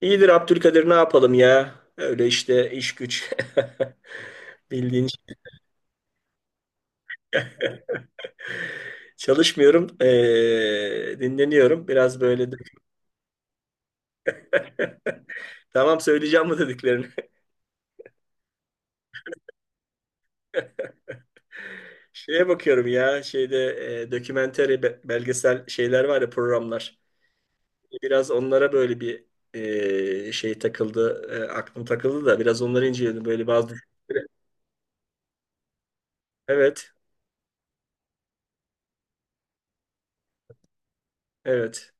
İyidir Abdülkadir, ne yapalım ya? Öyle işte, iş güç. Bildiğin şey. Çalışmıyorum. Dinleniyorum. Biraz böyle. Tamam, söyleyeceğim bu dediklerini. Şeye bakıyorum ya, şeyde dokümenteri belgesel şeyler var ya, programlar. Biraz onlara böyle bir şey takıldı. Aklım takıldı da biraz onları inceledim. Böyle bazı. Evet. Evet.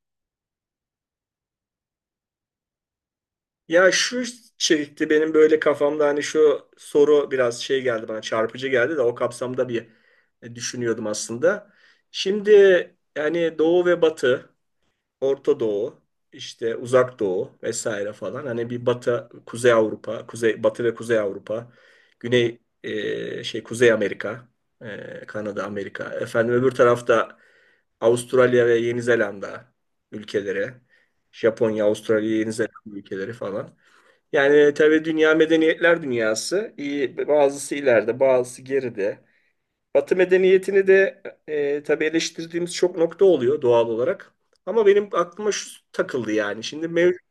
Ya şu çekti benim böyle kafamda, hani şu soru biraz şey geldi bana, çarpıcı geldi de o kapsamda bir düşünüyordum aslında. Şimdi yani Doğu ve Batı, Orta Doğu, işte Uzak Doğu vesaire falan, hani bir Batı, Kuzey Avrupa, Kuzey Batı ve Kuzey Avrupa, Güney şey Kuzey Amerika, Kanada, Amerika. Efendim öbür tarafta Avustralya ve Yeni Zelanda ülkeleri, Japonya, Avrasya, Yeni Zelanda ülkeleri falan. Yani tabii dünya medeniyetler dünyası. İyi, bazısı ileride, bazısı geride. Batı medeniyetini de tabii eleştirdiğimiz çok nokta oluyor doğal olarak. Ama benim aklıma şu takıldı yani. Şimdi mevcut.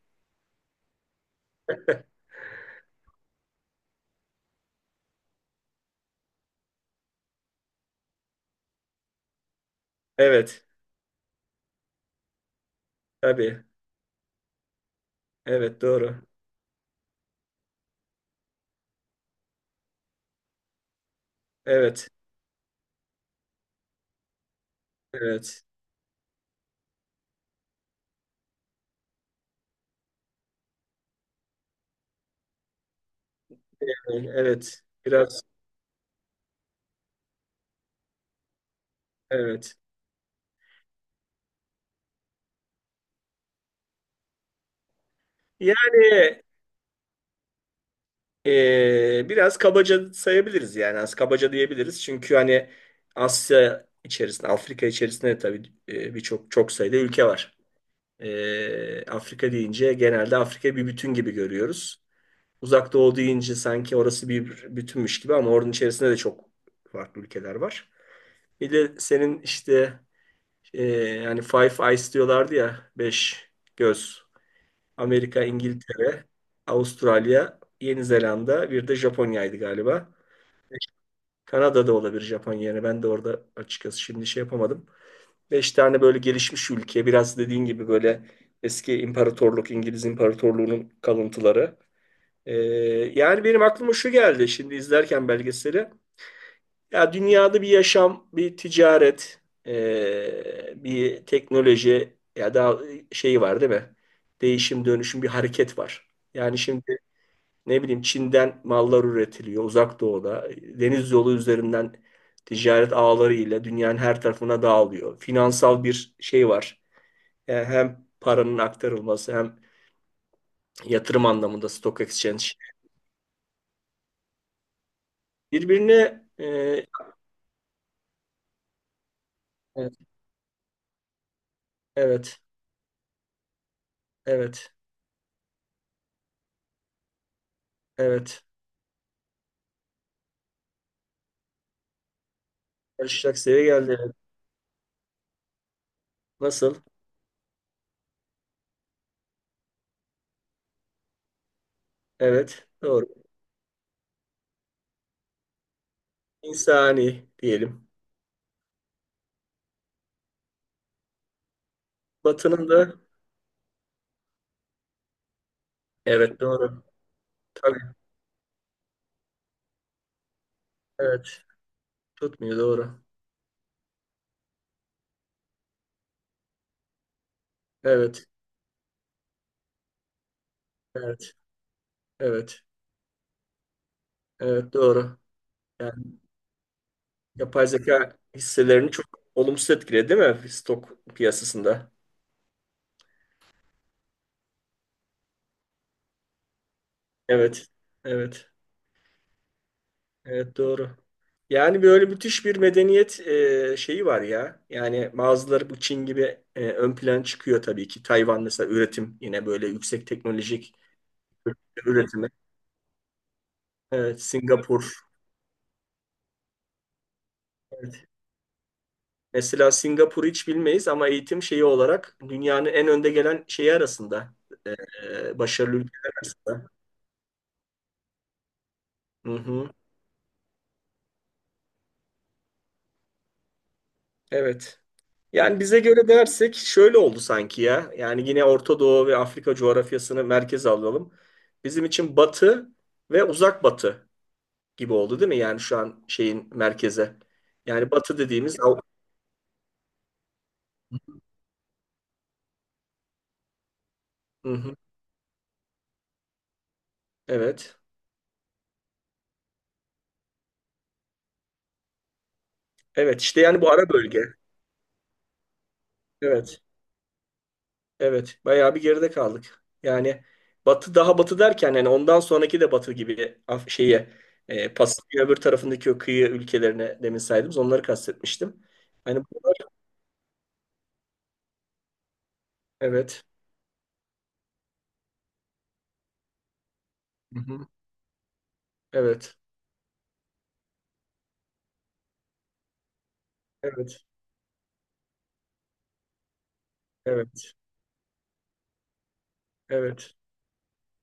Evet, tabii. Evet, doğru. Evet, evet. Yani, evet, biraz, evet. Yani biraz kabaca sayabiliriz yani. Az kabaca diyebiliriz. Çünkü hani Asya içerisinde, Afrika içerisinde tabii birçok, çok sayıda ülke var. Afrika deyince genelde Afrika bir bütün gibi görüyoruz. Uzak Doğu deyince sanki orası bir bütünmüş gibi, ama oranın içerisinde de çok farklı ülkeler var. Bir de senin işte e, yani Five Eyes diyorlardı ya, beş göz. Amerika, İngiltere, Avustralya, Yeni Zelanda, bir de Japonya'ydı galiba. Kanada'da olabilir Japonya. Yani ben de orada açıkçası şimdi şey yapamadım. Beş tane böyle gelişmiş ülke, biraz dediğin gibi böyle eski imparatorluk, İngiliz İmparatorluğu'nun kalıntıları. Ee, yani benim aklıma şu geldi şimdi izlerken belgeseli. Ya dünyada bir yaşam, bir ticaret, bir teknoloji ya da şeyi var değil mi? Değişim, dönüşüm, bir hareket var. Yani şimdi ne bileyim, Çin'den mallar üretiliyor Uzak Doğu'da. Deniz yolu üzerinden ticaret ağları ile dünyanın her tarafına dağılıyor. Finansal bir şey var, yani hem paranın aktarılması hem yatırım anlamında stock exchange. Birbirine evet, evet, evet, evet. Karışacak seviye geldi, evet. Nasıl? Evet, doğru. İnsani diyelim. Batının da, evet, doğru. Tabii, evet. Tutmuyor, doğru. Evet, evet, evet, evet, doğru. Yani yapay zeka hisselerini çok olumsuz etkiledi değil mi stok piyasasında? Evet, evet. Evet, doğru. Yani böyle müthiş bir medeniyet şeyi var ya. Yani bazıları bu Çin gibi ön plan çıkıyor tabii ki. Tayvan mesela üretim yine böyle yüksek teknolojik üretimi. Evet, Singapur. Evet. Mesela Singapur'u hiç bilmeyiz ama eğitim şeyi olarak dünyanın en önde gelen şeyi arasında. E, başarılı ülkeler arasında. Hı hı. Evet. Yani bize göre dersek şöyle oldu sanki ya. Yani yine Orta Doğu ve Afrika coğrafyasını merkeze alalım. Bizim için Batı ve Uzak Batı gibi oldu değil mi? Yani şu an şeyin merkeze. Yani Batı dediğimiz. Hı hı, evet. Evet, işte yani bu ara bölge. Evet. Evet. Bayağı bir geride kaldık. Yani Batı daha Batı derken, yani ondan sonraki de Batı gibi şeye Pasifik'in öbür tarafındaki o kıyı ülkelerine, demin saydığımız, onları kastetmiştim. Hani bunlar, evet. Hı hı. Evet. Evet. Evet. Evet.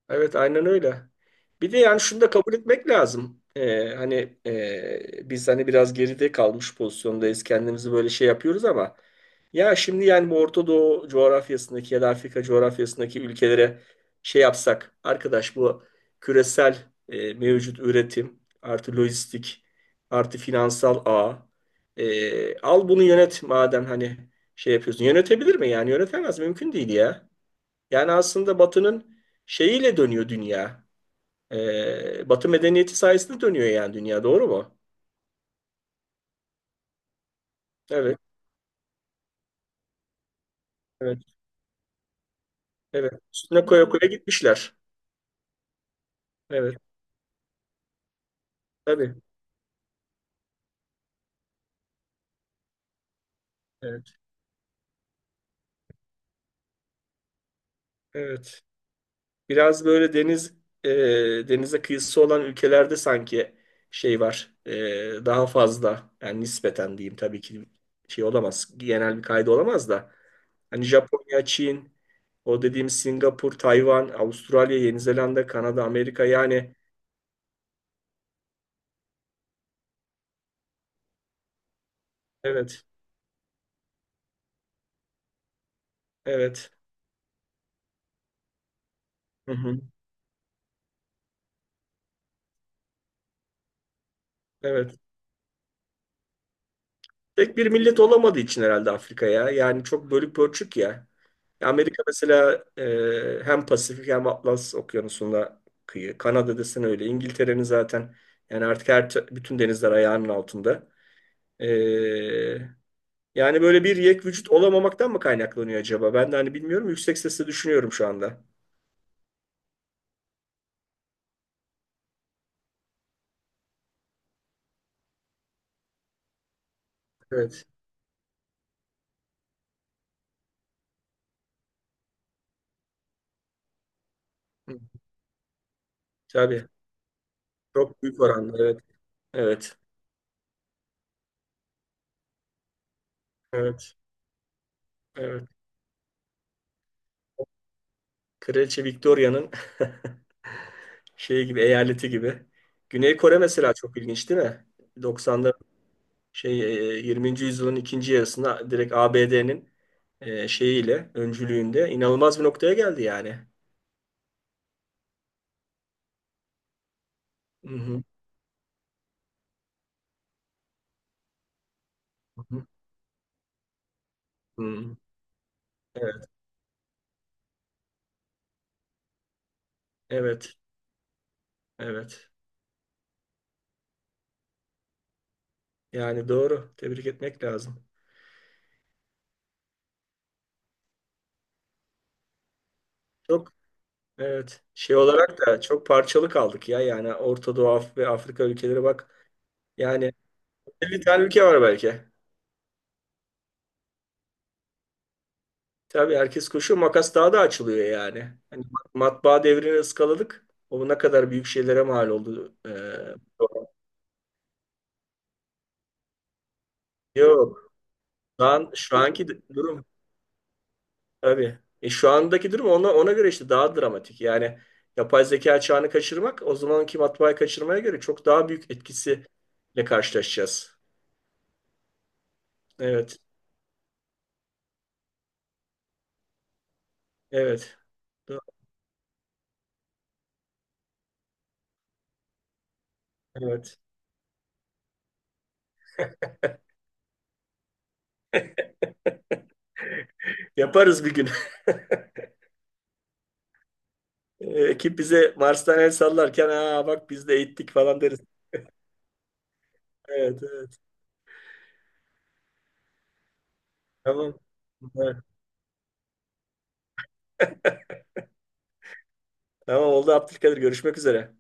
Evet, aynen öyle. Bir de yani şunu da kabul etmek lazım. Hani biz hani biraz geride kalmış pozisyondayız. Kendimizi böyle şey yapıyoruz ama ya şimdi yani bu Orta Doğu coğrafyasındaki ya da Afrika coğrafyasındaki ülkelere şey yapsak, arkadaş bu küresel mevcut üretim artı lojistik artı finansal ağ al bunu yönet madem, hani şey yapıyorsun. Yönetebilir mi yani? Yönetemez, mümkün değil ya. Yani aslında Batı'nın şeyiyle dönüyor dünya. Batı medeniyeti sayesinde dönüyor yani dünya. Doğru mu? Evet, evet, evet. Üstüne koya koya gitmişler. Evet, tabii. Evet, evet. Biraz böyle deniz e, denize kıyısı olan ülkelerde sanki şey var. Daha fazla yani, nispeten diyeyim, tabii ki şey olamaz. Genel bir kaydı olamaz da. Hani Japonya, Çin, o dediğim Singapur, Tayvan, Avustralya, Yeni Zelanda, Kanada, Amerika yani. Evet. Evet. Hı hı. Evet. Tek bir millet olamadığı için herhalde Afrika ya. Yani çok bölük pörçük ya. Ya Amerika mesela hem Pasifik hem Atlas Okyanusu'nda kıyı. Kanada desen öyle. İngiltere'nin zaten yani artık bütün denizler ayağının altında. E, yani böyle bir yek vücut olamamaktan mı kaynaklanıyor acaba? Ben de hani bilmiyorum. Yüksek sesle düşünüyorum şu anda. Evet. Hı. Tabii. Çok büyük oranda. Evet. Evet. Evet. Evet. Kraliçe Victoria'nın şey gibi eyaleti gibi. Güney Kore mesela çok ilginç değil mi? 90'da şey 20. yüzyılın ikinci yarısında direkt ABD'nin şeyiyle, öncülüğünde inanılmaz bir noktaya geldi yani. Hı hı, hı hı, hı. Evet, evet, evet. Yani doğru. Tebrik etmek lazım. Çok, evet. Şey olarak da çok parçalı kaldık ya. Yani Orta Doğu ve Afrika ülkeleri bak. Yani 50 tane ülke var belki. Tabii herkes koşuyor. Makas daha da açılıyor yani. Hani matbaa devrini ıskaladık. O ne kadar büyük şeylere mal oldu. Yok. Şu an, şu anki durum tabii. Şu andaki durum ona göre işte daha dramatik. Yani yapay zeka çağını kaçırmak o zamanki matbaayı kaçırmaya göre çok daha büyük etkisiyle karşılaşacağız. Evet. Evet. do- Evet. Yaparız bir gün. Ekip bize Mars'tan el sallarken, aa bak biz de eğittik falan deriz. Evet, evet. Tamam. Evet, tamam oldu Abdülkadir. Görüşmek üzere.